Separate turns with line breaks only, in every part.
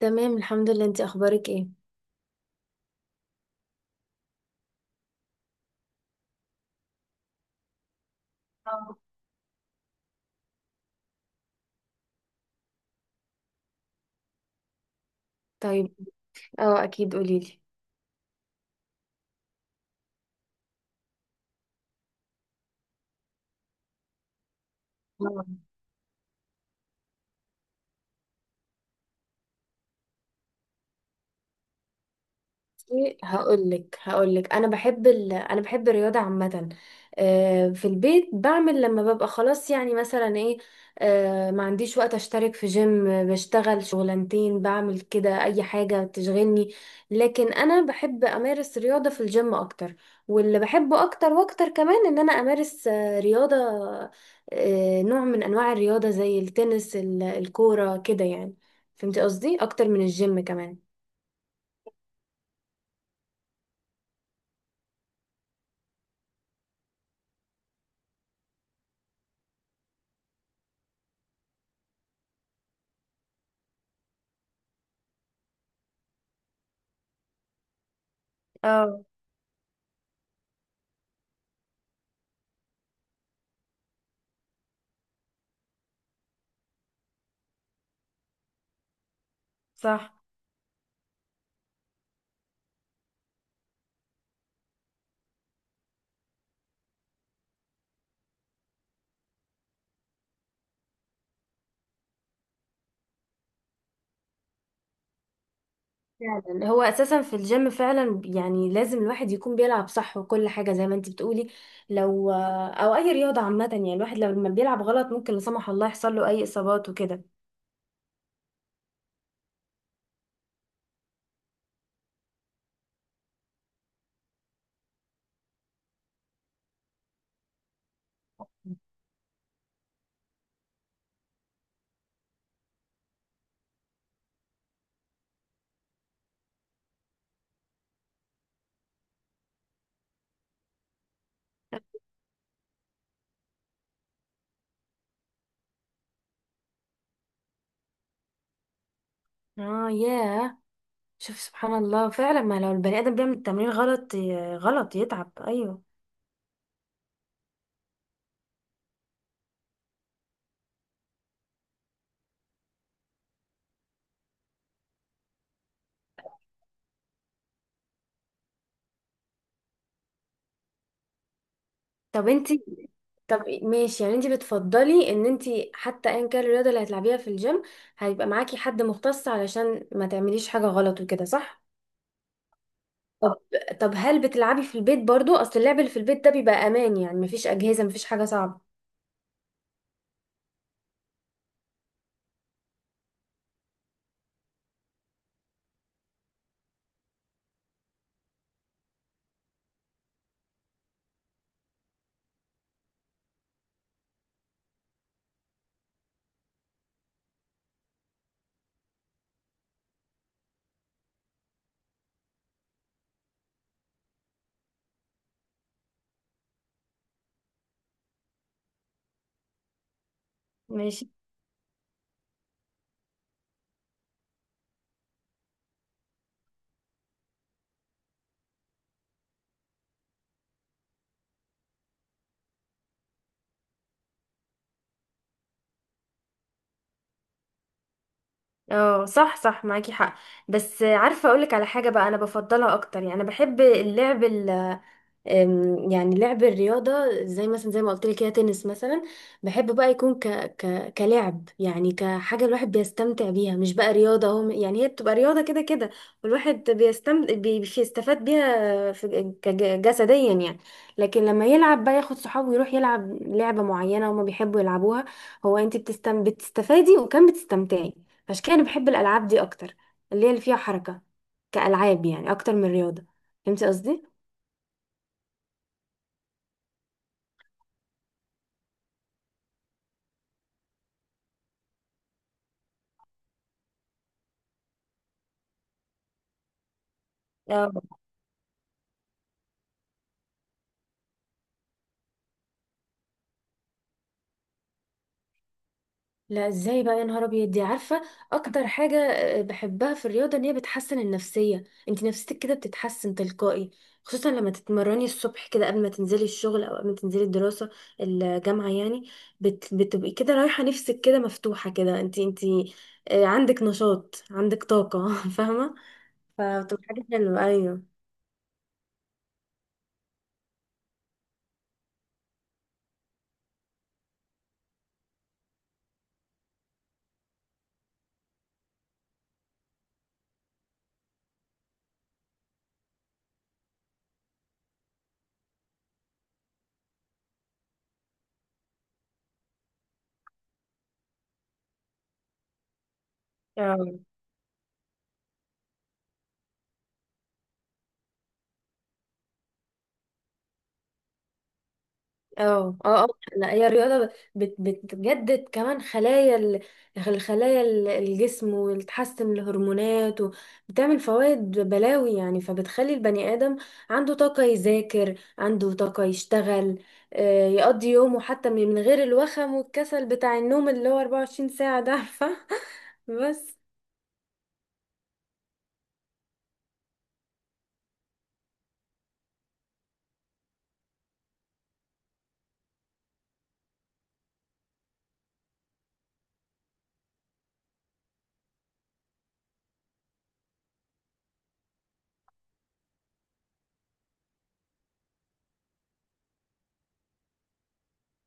تمام الحمد لله، انتي اخبارك ايه؟ آه. طيب. اه اكيد قوليلي. آه. ايه، هقول لك انا بحب الرياضه عامه. في البيت بعمل لما ببقى خلاص، يعني مثلا ايه. ما عنديش وقت اشترك في جيم، بشتغل شغلانتين، بعمل كده اي حاجه تشغلني. لكن انا بحب امارس رياضه في الجيم اكتر، واللي بحبه اكتر واكتر كمان ان انا امارس رياضه، نوع من انواع الرياضه زي التنس الكوره كده يعني. فهمتي قصدي؟ اكتر من الجيم كمان. اه، صح. فعلا هو اساسا في الجيم فعلا يعني لازم الواحد يكون بيلعب صح، وكل حاجه زي ما انت بتقولي. لو او اي رياضه عامه يعني الواحد لو لما بيلعب غلط ممكن لا سمح الله يحصل له اي اصابات وكده. اه، ياه. شوف سبحان الله، فعلا ما لو البني ادم بيعمل التمرين غلط غلط يتعب، ايوه. طب انت طب ماشي، يعني انت بتفضلي ان انت حتى ايا كان الرياضه اللي هتلعبيها في الجيم هيبقى معاكي حد مختص علشان ما تعمليش حاجه غلط وكده، صح؟ طب طب هل بتلعبي في البيت برضو؟ اصل اللعب اللي في البيت ده بيبقى امان، يعني مفيش اجهزة مفيش حاجة صعبة. ماشي. اه، صح صح، معاكي حق. بس عارفة اقولك على حاجة بقى، انا بفضلها اكتر، يعني انا بحب اللعب، يعني لعب الرياضة، زي مثلا زي ما قلت لك كده تنس مثلا. بحب بقى يكون كلعب، يعني كحاجة الواحد بيستمتع بيها مش بقى رياضة، هو يعني هي بتبقى رياضة كده كده، والواحد بيستفاد بيها جسديا يعني. لكن لما يلعب بقى ياخد صحابه ويروح يلعب لعبة معينة هما بيحبوا يلعبوها، هو انت بتستفادي وكمان بتستمتعي. عشان كده انا بحب الألعاب دي أكتر، اللي هي اللي فيها حركة، كألعاب يعني أكتر من رياضة. فهمتي قصدي؟ لا، ازاي بقى يا نهار ابيض، دي عارفه اكتر حاجه بحبها في الرياضه ان هي بتحسن النفسيه. انت نفسيتك كده بتتحسن تلقائي، خصوصا لما تتمرني الصبح كده قبل ما تنزلي الشغل او قبل ما تنزلي الدراسه، الجامعه يعني. بتبقي كده رايحه، نفسك كده مفتوحه كده، انت عندك نشاط، عندك طاقه فاهمه؟ فبتبقى حاجه حلوه، ايوه. اه اه اه. لا، هي الرياضة بتجدد كمان الجسم، وتحسن الهرمونات، وبتعمل فوائد بلاوي يعني، فبتخلي البني آدم عنده طاقة يذاكر، عنده طاقة يشتغل، يقضي يومه حتى من غير الوخم والكسل بتاع النوم اللي هو 24 ساعة ده، عارفة؟ بس.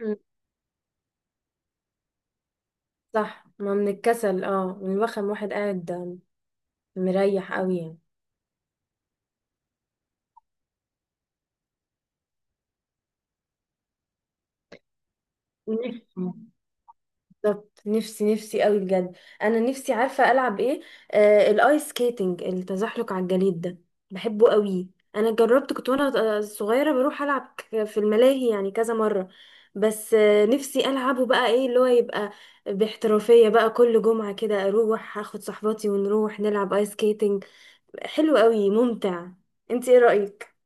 مم. صح، ما من الكسل، اه من الوخم، واحد قاعد مريح قوي يعني. بالظبط، نفسي نفسي قوي بجد. انا نفسي عارفه العب ايه. الايس سكيتنج، التزحلق على الجليد ده، بحبه قوي. انا جربت، كنت وانا صغيره بروح العب في الملاهي يعني كذا مره، بس نفسي العبه بقى ايه اللي هو يبقى باحترافيه بقى، كل جمعه كده اروح اخد صحباتي ونروح نلعب ايس سكيتنج، حلو قوي، ممتع. انت ايه رايك؟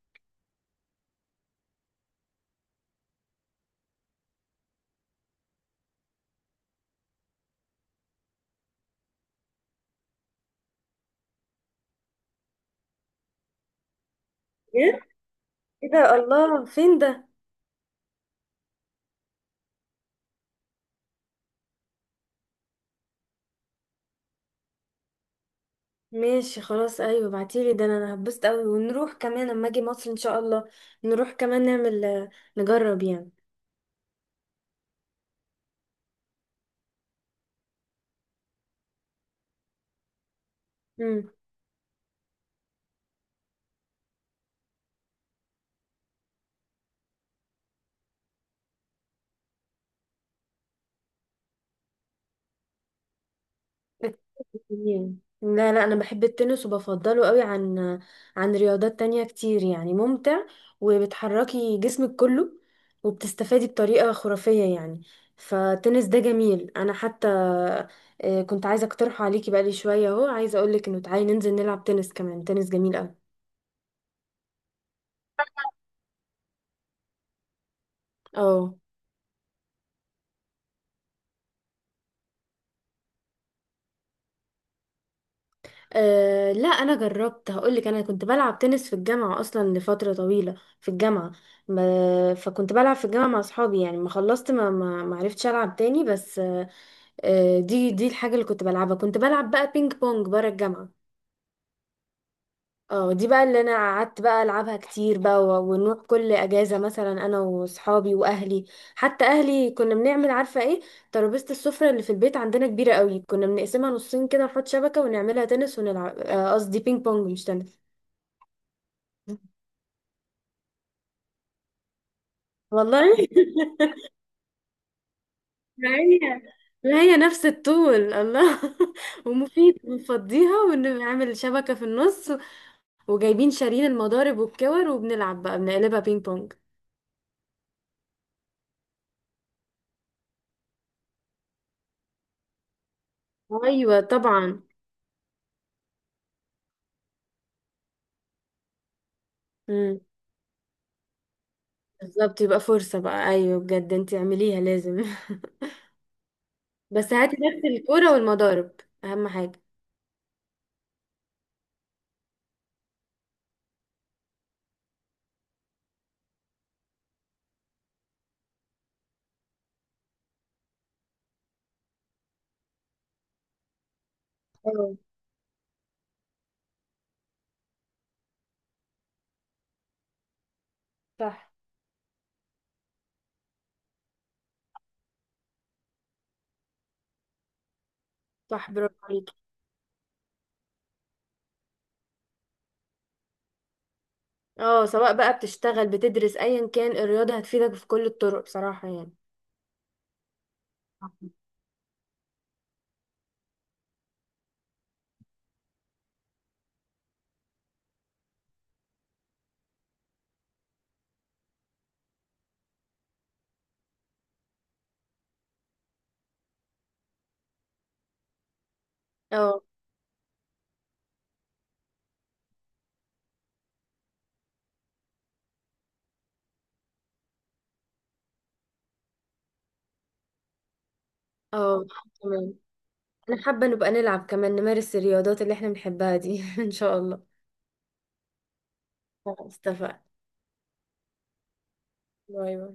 إيه؟ ايه ده، الله فين ده؟ ماشي خلاص، ايوه ابعتيلي ده، انا هبسط قوي، ونروح كمان اما اجي مصر ان شاء الله نروح كمان نعمل، نجرب يعني. امم. يعني، لا لا، انا بحب التنس وبفضله قوي عن رياضات تانية كتير يعني، ممتع، وبتحركي جسمك كله، وبتستفادي بطريقة خرافية يعني. فالتنس ده جميل، انا حتى كنت عايزة اقترحه عليكي بقالي شوية اهو، عايزة اقولك انه تعالي ننزل نلعب تنس كمان، تنس جميل قوي. اه. أه لا، انا جربت، هقولك، انا كنت بلعب تنس في الجامعه اصلا لفتره طويله في الجامعه، ما فكنت بلعب في الجامعه مع اصحابي يعني، ما خلصت ما عرفتش العب تاني، بس أه آه، دي الحاجه اللي كنت بلعبها. كنت بلعب بقى بينج بونج بره الجامعه. اه، دي بقى اللي انا قعدت بقى العبها كتير بقى، ونروح كل اجازه مثلا انا واصحابي واهلي، حتى اهلي كنا بنعمل، عارفه ايه، ترابيزه السفره اللي في البيت عندنا كبيره قوي، كنا بنقسمها نصين كده نحط شبكه ونعملها تنس ونلعب، قصدي بينج بونج مش تنس. والله لا هي لا هي نفس الطول، الله ومفيد، بنفضيها ونعمل شبكة في النص، وجايبين شارين المضارب والكور وبنلعب بقى، بنقلبها بينج بونج. ايوه طبعا. امم. بالظبط، يبقى فرصة بقى، ايوه بجد انت اعمليها لازم. بس هاتي نفس الكورة والمضارب، اهم حاجة. اه، صح صح، برافو عليكي. اه، سواء بقى بتشتغل بتدرس، ايا كان الرياضة هتفيدك في كل الطرق بصراحة يعني. اه اه. تمام. انا حابة نبقى نلعب كمان، نمارس الرياضات اللي احنا بنحبها دي ان شاء الله. خلاص اتفقنا. باي باي.